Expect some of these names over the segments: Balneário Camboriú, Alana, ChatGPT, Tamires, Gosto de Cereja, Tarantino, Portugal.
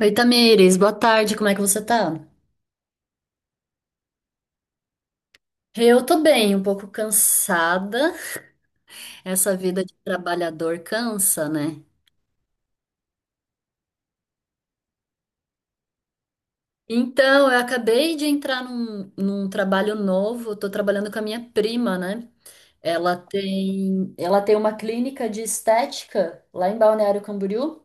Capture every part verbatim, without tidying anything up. Oi, Tamires, boa tarde, como é que você tá? Eu tô bem, um pouco cansada. Essa vida de trabalhador cansa, né? Então, eu acabei de entrar num, num trabalho novo, tô trabalhando com a minha prima, né? Ela tem, ela tem uma clínica de estética lá em Balneário Camboriú.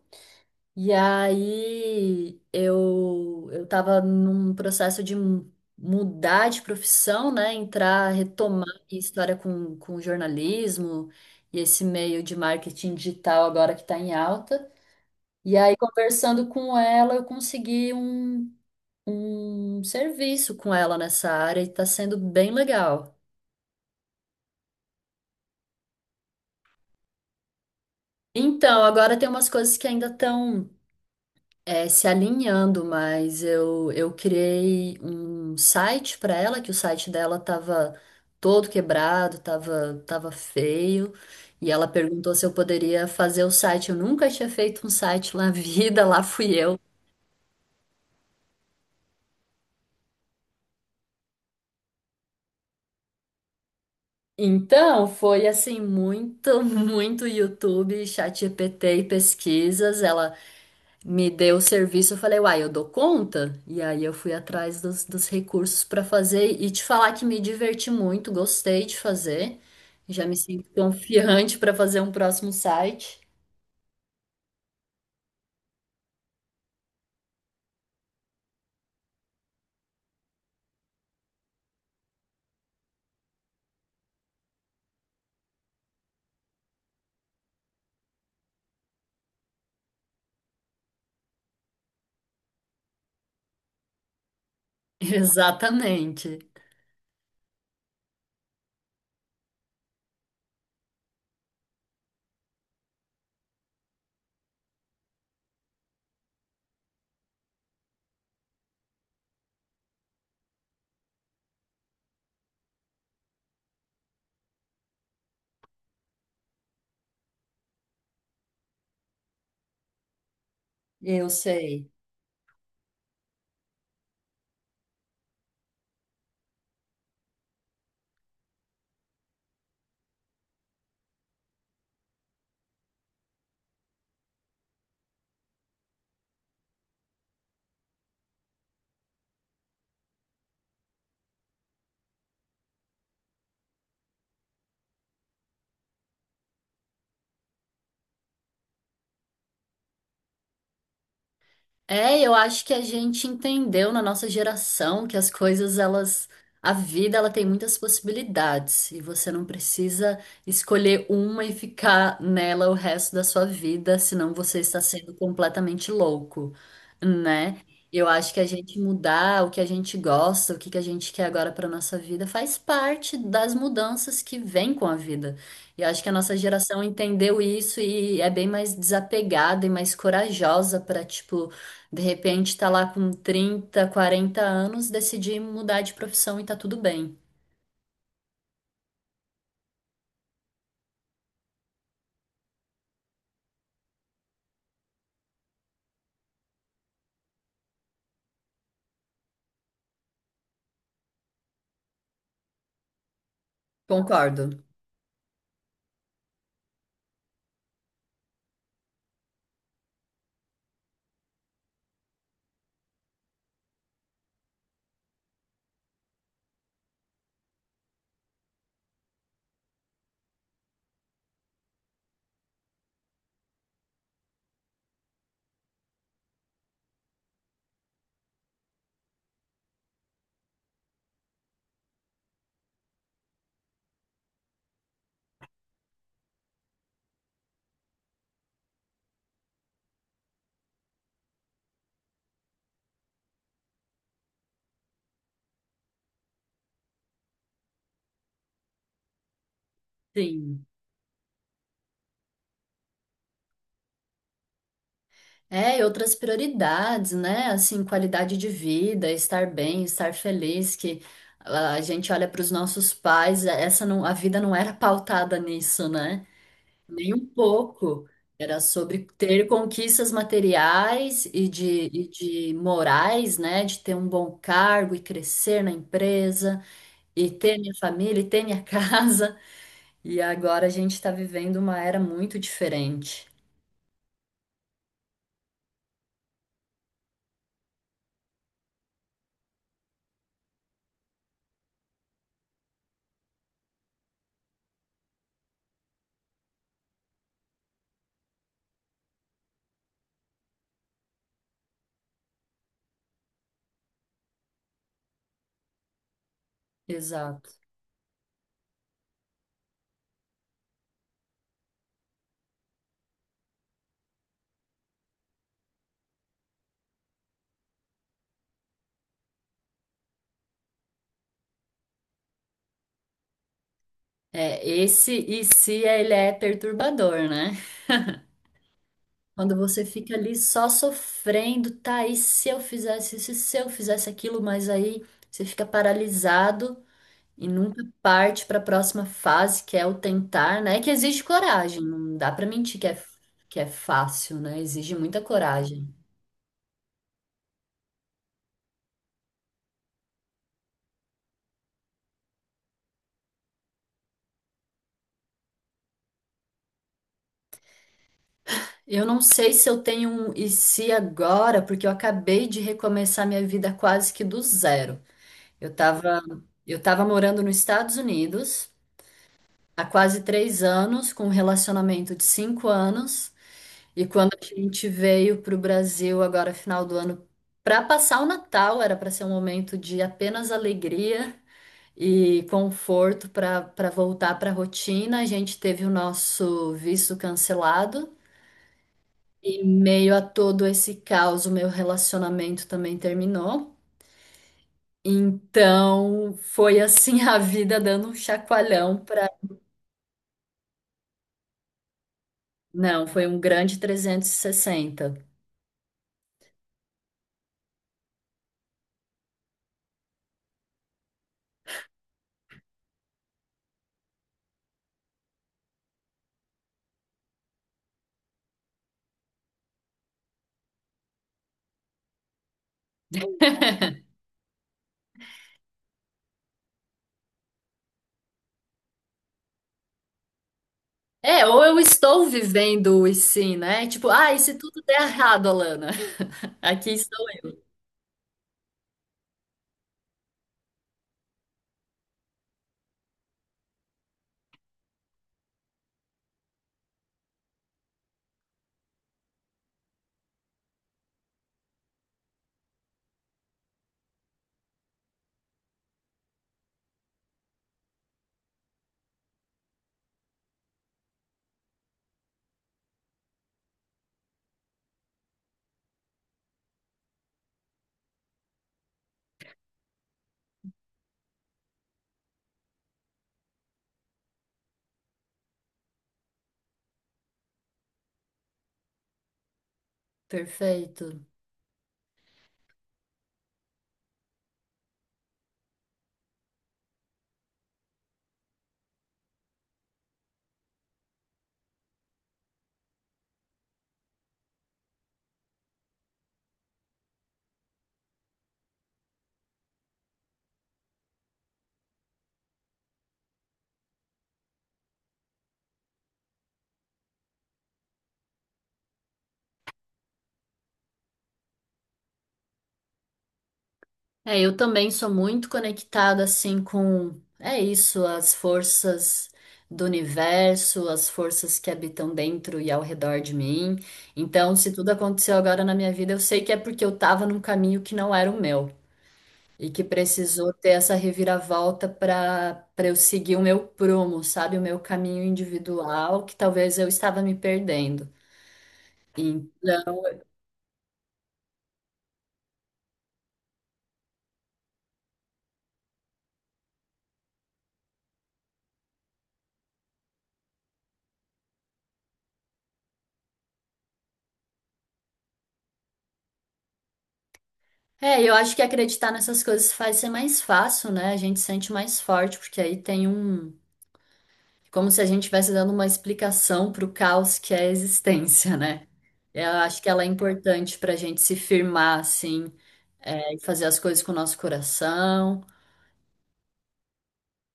E aí eu eu estava num processo de mu- mudar de profissão, né? Entrar, retomar minha história com, com jornalismo e esse meio de marketing digital agora que está em alta. E aí, conversando com ela, eu consegui um, um serviço com ela nessa área e está sendo bem legal. Então, agora tem umas coisas que ainda estão. É, se alinhando, mas eu, eu criei um site para ela, que o site dela tava todo quebrado, tava, tava feio, e ela perguntou se eu poderia fazer o site. Eu nunca tinha feito um site na vida, lá fui eu. Então, foi assim, muito, muito YouTube, ChatGPT e pesquisas. Ela me deu o serviço, eu falei, uai, eu dou conta? E aí eu fui atrás dos, dos recursos para fazer e te falar que me diverti muito, gostei de fazer. Já me sinto confiante para fazer um próximo site. Exatamente. Eu sei. É, eu acho que a gente entendeu na nossa geração que as coisas, elas, a vida, ela tem muitas possibilidades e você não precisa escolher uma e ficar nela o resto da sua vida, senão você está sendo completamente louco, né? Eu acho que a gente mudar o que a gente gosta, o que que a gente quer agora para nossa vida, faz parte das mudanças que vêm com a vida. E acho que a nossa geração entendeu isso e é bem mais desapegada e mais corajosa para, tipo, de repente tá lá com trinta, quarenta anos, decidi mudar de profissão e tá tudo bem. Concordo. Sim. É, e outras prioridades, né? Assim, qualidade de vida, estar bem, estar feliz, que a gente olha para os nossos pais, é, essa não, a vida não era pautada nisso, né? Nem um pouco. Era sobre ter conquistas materiais e de, e de morais, né? De ter um bom cargo e crescer na empresa. E ter minha família, e ter minha casa. E agora a gente está vivendo uma era muito diferente. Exato. É, esse e se ele é perturbador, né? Quando você fica ali só sofrendo, tá, e se eu fizesse isso, e se eu fizesse aquilo, mas aí você fica paralisado e nunca parte para a próxima fase, que é o tentar, né? Que exige coragem, não dá para mentir que é, que é fácil, né? Exige muita coragem. Eu não sei se eu tenho um e se agora, porque eu acabei de recomeçar minha vida quase que do zero. Eu tava, eu tava morando nos Estados Unidos há quase três anos, com um relacionamento de cinco anos, e quando a gente veio para o Brasil agora, final do ano, para passar o Natal, era para ser um momento de apenas alegria e conforto para para voltar para a rotina. A gente teve o nosso visto cancelado. E meio a todo esse caos, o meu relacionamento também terminou. Então, foi assim a vida dando um chacoalhão para. Não, foi um grande trezentos e sessenta. É, ou eu estou vivendo o e sim, né? Tipo, ah, e se tudo der errado, Alana? Aqui estou eu. Perfeito. É, eu também sou muito conectada assim com, é isso, as forças do universo, as forças que habitam dentro e ao redor de mim. Então, se tudo aconteceu agora na minha vida, eu sei que é porque eu tava num caminho que não era o meu e que precisou ter essa reviravolta para para eu seguir o meu prumo, sabe, o meu caminho individual, que talvez eu estava me perdendo. Então, é, eu acho que acreditar nessas coisas faz ser mais fácil, né? A gente sente mais forte, porque aí tem um. Como se a gente estivesse dando uma explicação para o caos que é a existência, né? Eu acho que ela é importante para a gente se firmar, assim, é, e fazer as coisas com o nosso coração,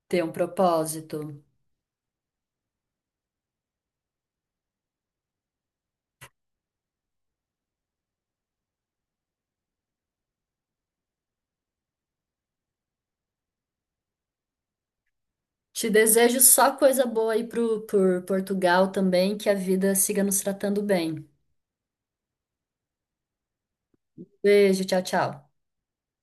ter um propósito. Te desejo só coisa boa aí pro, por Portugal também, que a vida siga nos tratando bem. Beijo, tchau, tchau.